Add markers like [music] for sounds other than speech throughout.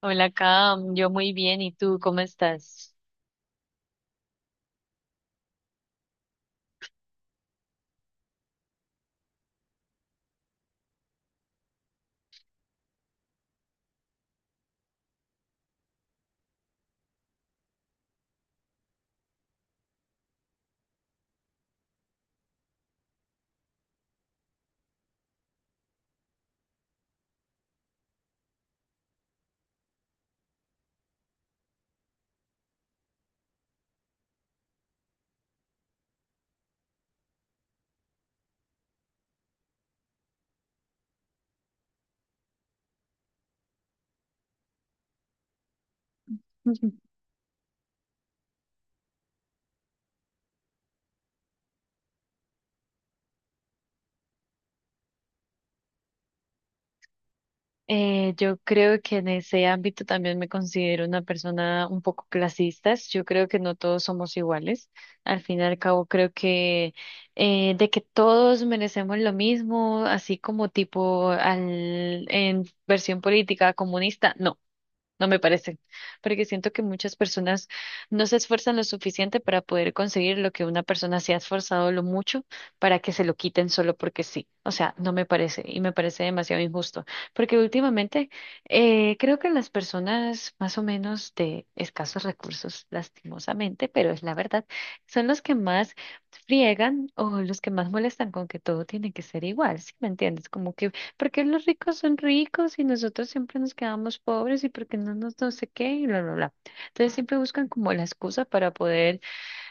Hola, Cam. Yo muy bien. ¿Y tú cómo estás? [laughs] Yo creo que en ese ámbito también me considero una persona un poco clasista. Yo creo que no todos somos iguales. Al fin y al cabo, creo que de que todos merecemos lo mismo, así como tipo al, en versión política comunista, no. No me parece, porque siento que muchas personas no se esfuerzan lo suficiente para poder conseguir lo que una persona se ha esforzado lo mucho para que se lo quiten solo porque sí. O sea, no me parece y me parece demasiado injusto, porque últimamente creo que las personas más o menos de escasos recursos, lastimosamente, pero es la verdad, son los que más friegan o los que más molestan con que todo tiene que ser igual, ¿sí me entiendes? Como que porque los ricos son ricos y nosotros siempre nos quedamos pobres y porque no nos no sé qué y bla, bla, bla. Entonces siempre buscan como la excusa para poder,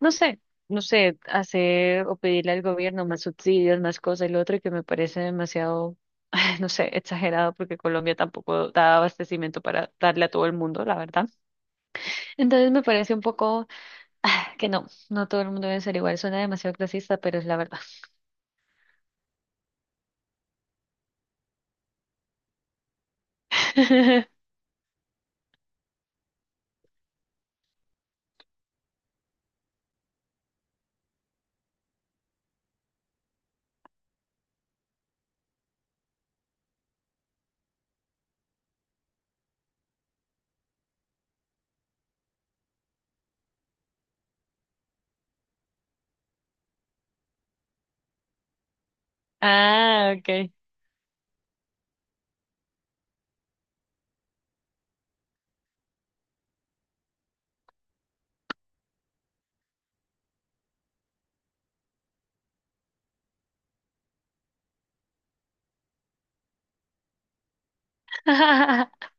no sé, hacer o pedirle al gobierno más subsidios, más cosas y lo otro y que me parece demasiado, [laughs] [sighs] no sé, exagerado porque Colombia tampoco da abastecimiento para darle a todo el mundo, la verdad. Entonces me parece un poco que no, no todo el mundo debe ser igual. Suena demasiado clasista, pero es la verdad. [laughs] Ah, ok. [laughs]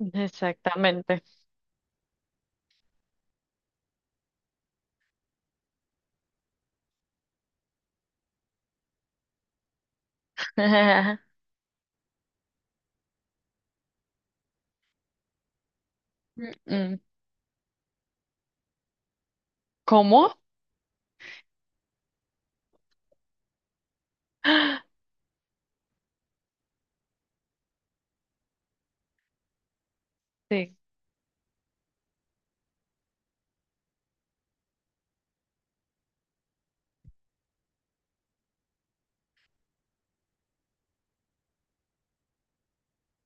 Exactamente. [laughs] Mm, ¿cómo? ¡Ah! Sí,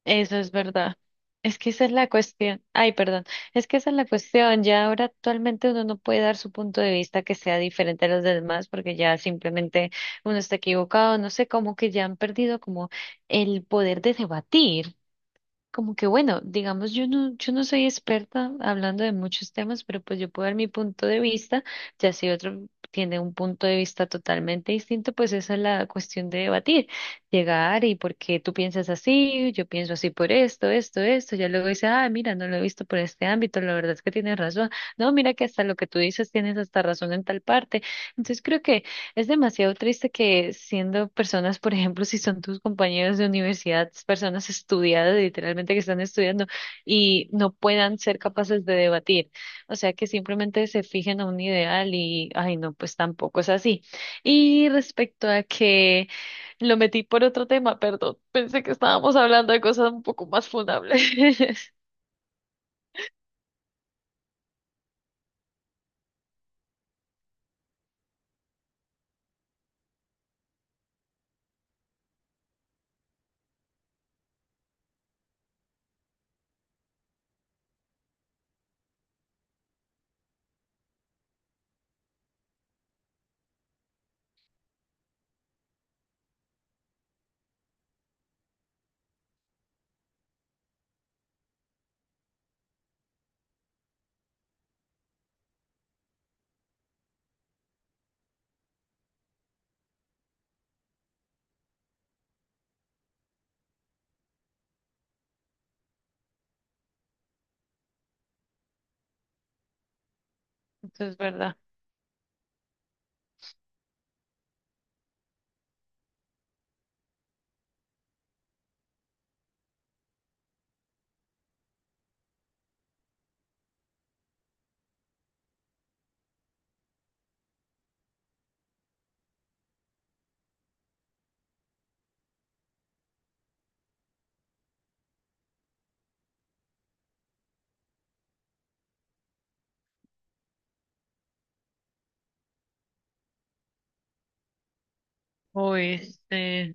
eso es verdad. Es que esa es la cuestión. Ay, perdón. Es que esa es la cuestión. Ya ahora actualmente uno no puede dar su punto de vista que sea diferente a los demás porque ya simplemente uno está equivocado. No sé, como que ya han perdido como el poder de debatir. Como que bueno, digamos, yo no soy experta hablando de muchos temas, pero pues yo puedo dar mi punto de vista, ya si otro tiene un punto de vista totalmente distinto, pues esa es la cuestión de debatir, llegar y por qué tú piensas así, yo pienso así por esto, esto, esto, ya luego dice, ah, mira, no lo he visto por este ámbito, la verdad es que tienes razón, no, mira que hasta lo que tú dices tienes hasta razón en tal parte, entonces creo que es demasiado triste que siendo personas, por ejemplo, si son tus compañeros de universidad, personas estudiadas, literalmente que están estudiando y no puedan ser capaces de debatir. O sea, que simplemente se fijen a un ideal y, ay, no, pues tampoco es así. Y respecto a que lo metí por otro tema, perdón, pensé que estábamos hablando de cosas un poco más fundables. [laughs] Eso es verdad. Uy, este,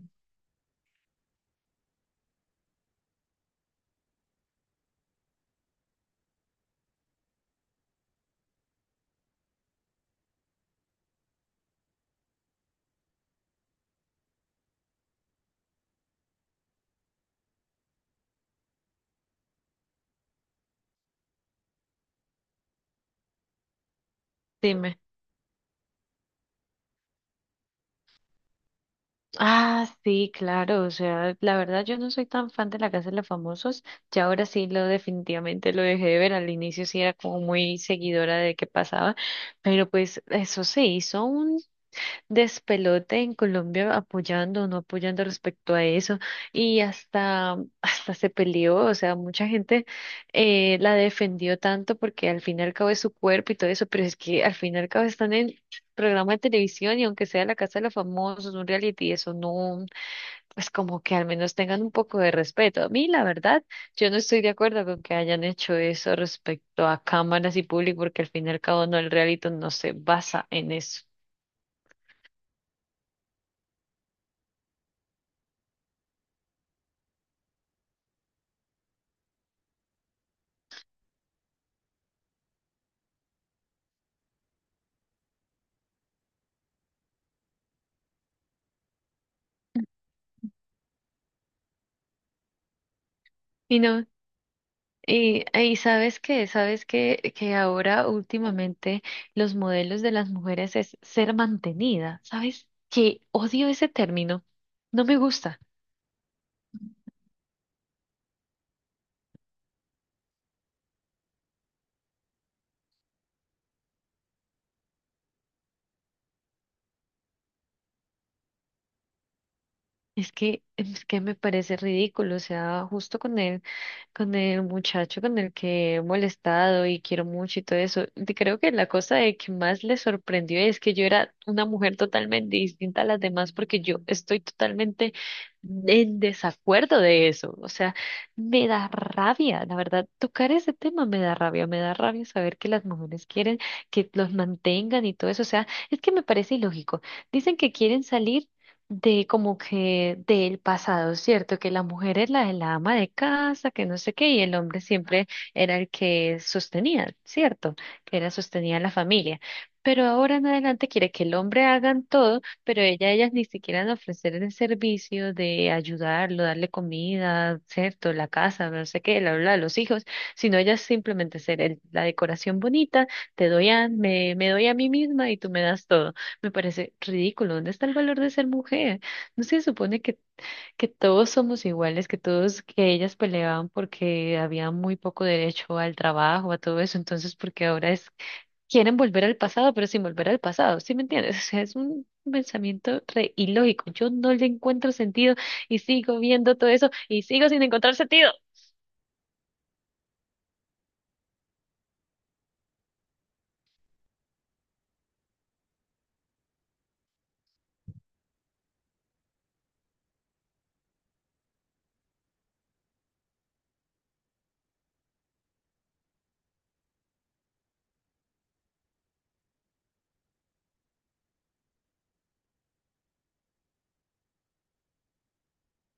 dime. Ah, sí, claro, o sea, la verdad yo no soy tan fan de La Casa de los Famosos, ya ahora sí lo definitivamente lo dejé de ver, al inicio sí era como muy seguidora de qué pasaba, pero pues eso se hizo despelote en Colombia apoyando o no apoyando respecto a eso y hasta, mm, [laughs] hasta se peleó, o sea, mucha gente la defendió tanto porque al fin y al cabo es su cuerpo y todo eso, pero es que al fin y al cabo están en programa de televisión y aunque sea la casa de los famosos, un reality, eso no, pues como que al menos tengan un poco de respeto. A mí, la verdad, yo no estoy de acuerdo con que hayan hecho eso respecto a cámaras y público porque al fin y al cabo no, el reality no se basa en eso. Y no. Y sabes que ahora últimamente los modelos de las mujeres es ser mantenida. ¿Sabes qué? Odio ese término. No me gusta. Es que me parece ridículo, o sea, con el muchacho con el que he molestado y quiero mucho y todo eso, y creo que la cosa de que más le sorprendió es que yo era una mujer totalmente distinta a las demás porque yo estoy totalmente en desacuerdo de eso, o sea, me da rabia, la verdad, tocar ese tema me da rabia saber que las mujeres quieren que los mantengan y todo eso, o sea, es que me parece ilógico. Dicen que quieren salir de como que del pasado, ¿cierto? Que la mujer es la ama de casa, que no sé qué, y el hombre siempre era el que sostenía, ¿cierto? Que era sostenía la familia. Pero ahora en adelante quiere que el hombre hagan todo, pero ella, ellas ni siquiera han ofrecer el servicio de ayudarlo, darle comida, ¿cierto? La casa, no sé qué, la, bla, los hijos, sino ellas simplemente ser el- la decoración bonita, te doy a, me doy a mí misma y tú me das todo. Me parece ridículo. ¿Dónde está el valor de ser mujer? ¿No se supone que todos somos iguales, que todos, que ellas peleaban porque había muy poco derecho al trabajo, a todo eso? Entonces, porque ahora es, quieren volver al pasado, pero sin volver al pasado. ¿Sí me entiendes? [laughs] O sea, es un pensamiento re ilógico. Yo no le encuentro sentido y sigo viendo todo eso y sigo sin encontrar sentido.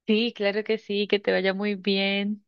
Sí, claro que sí, que te vaya muy bien.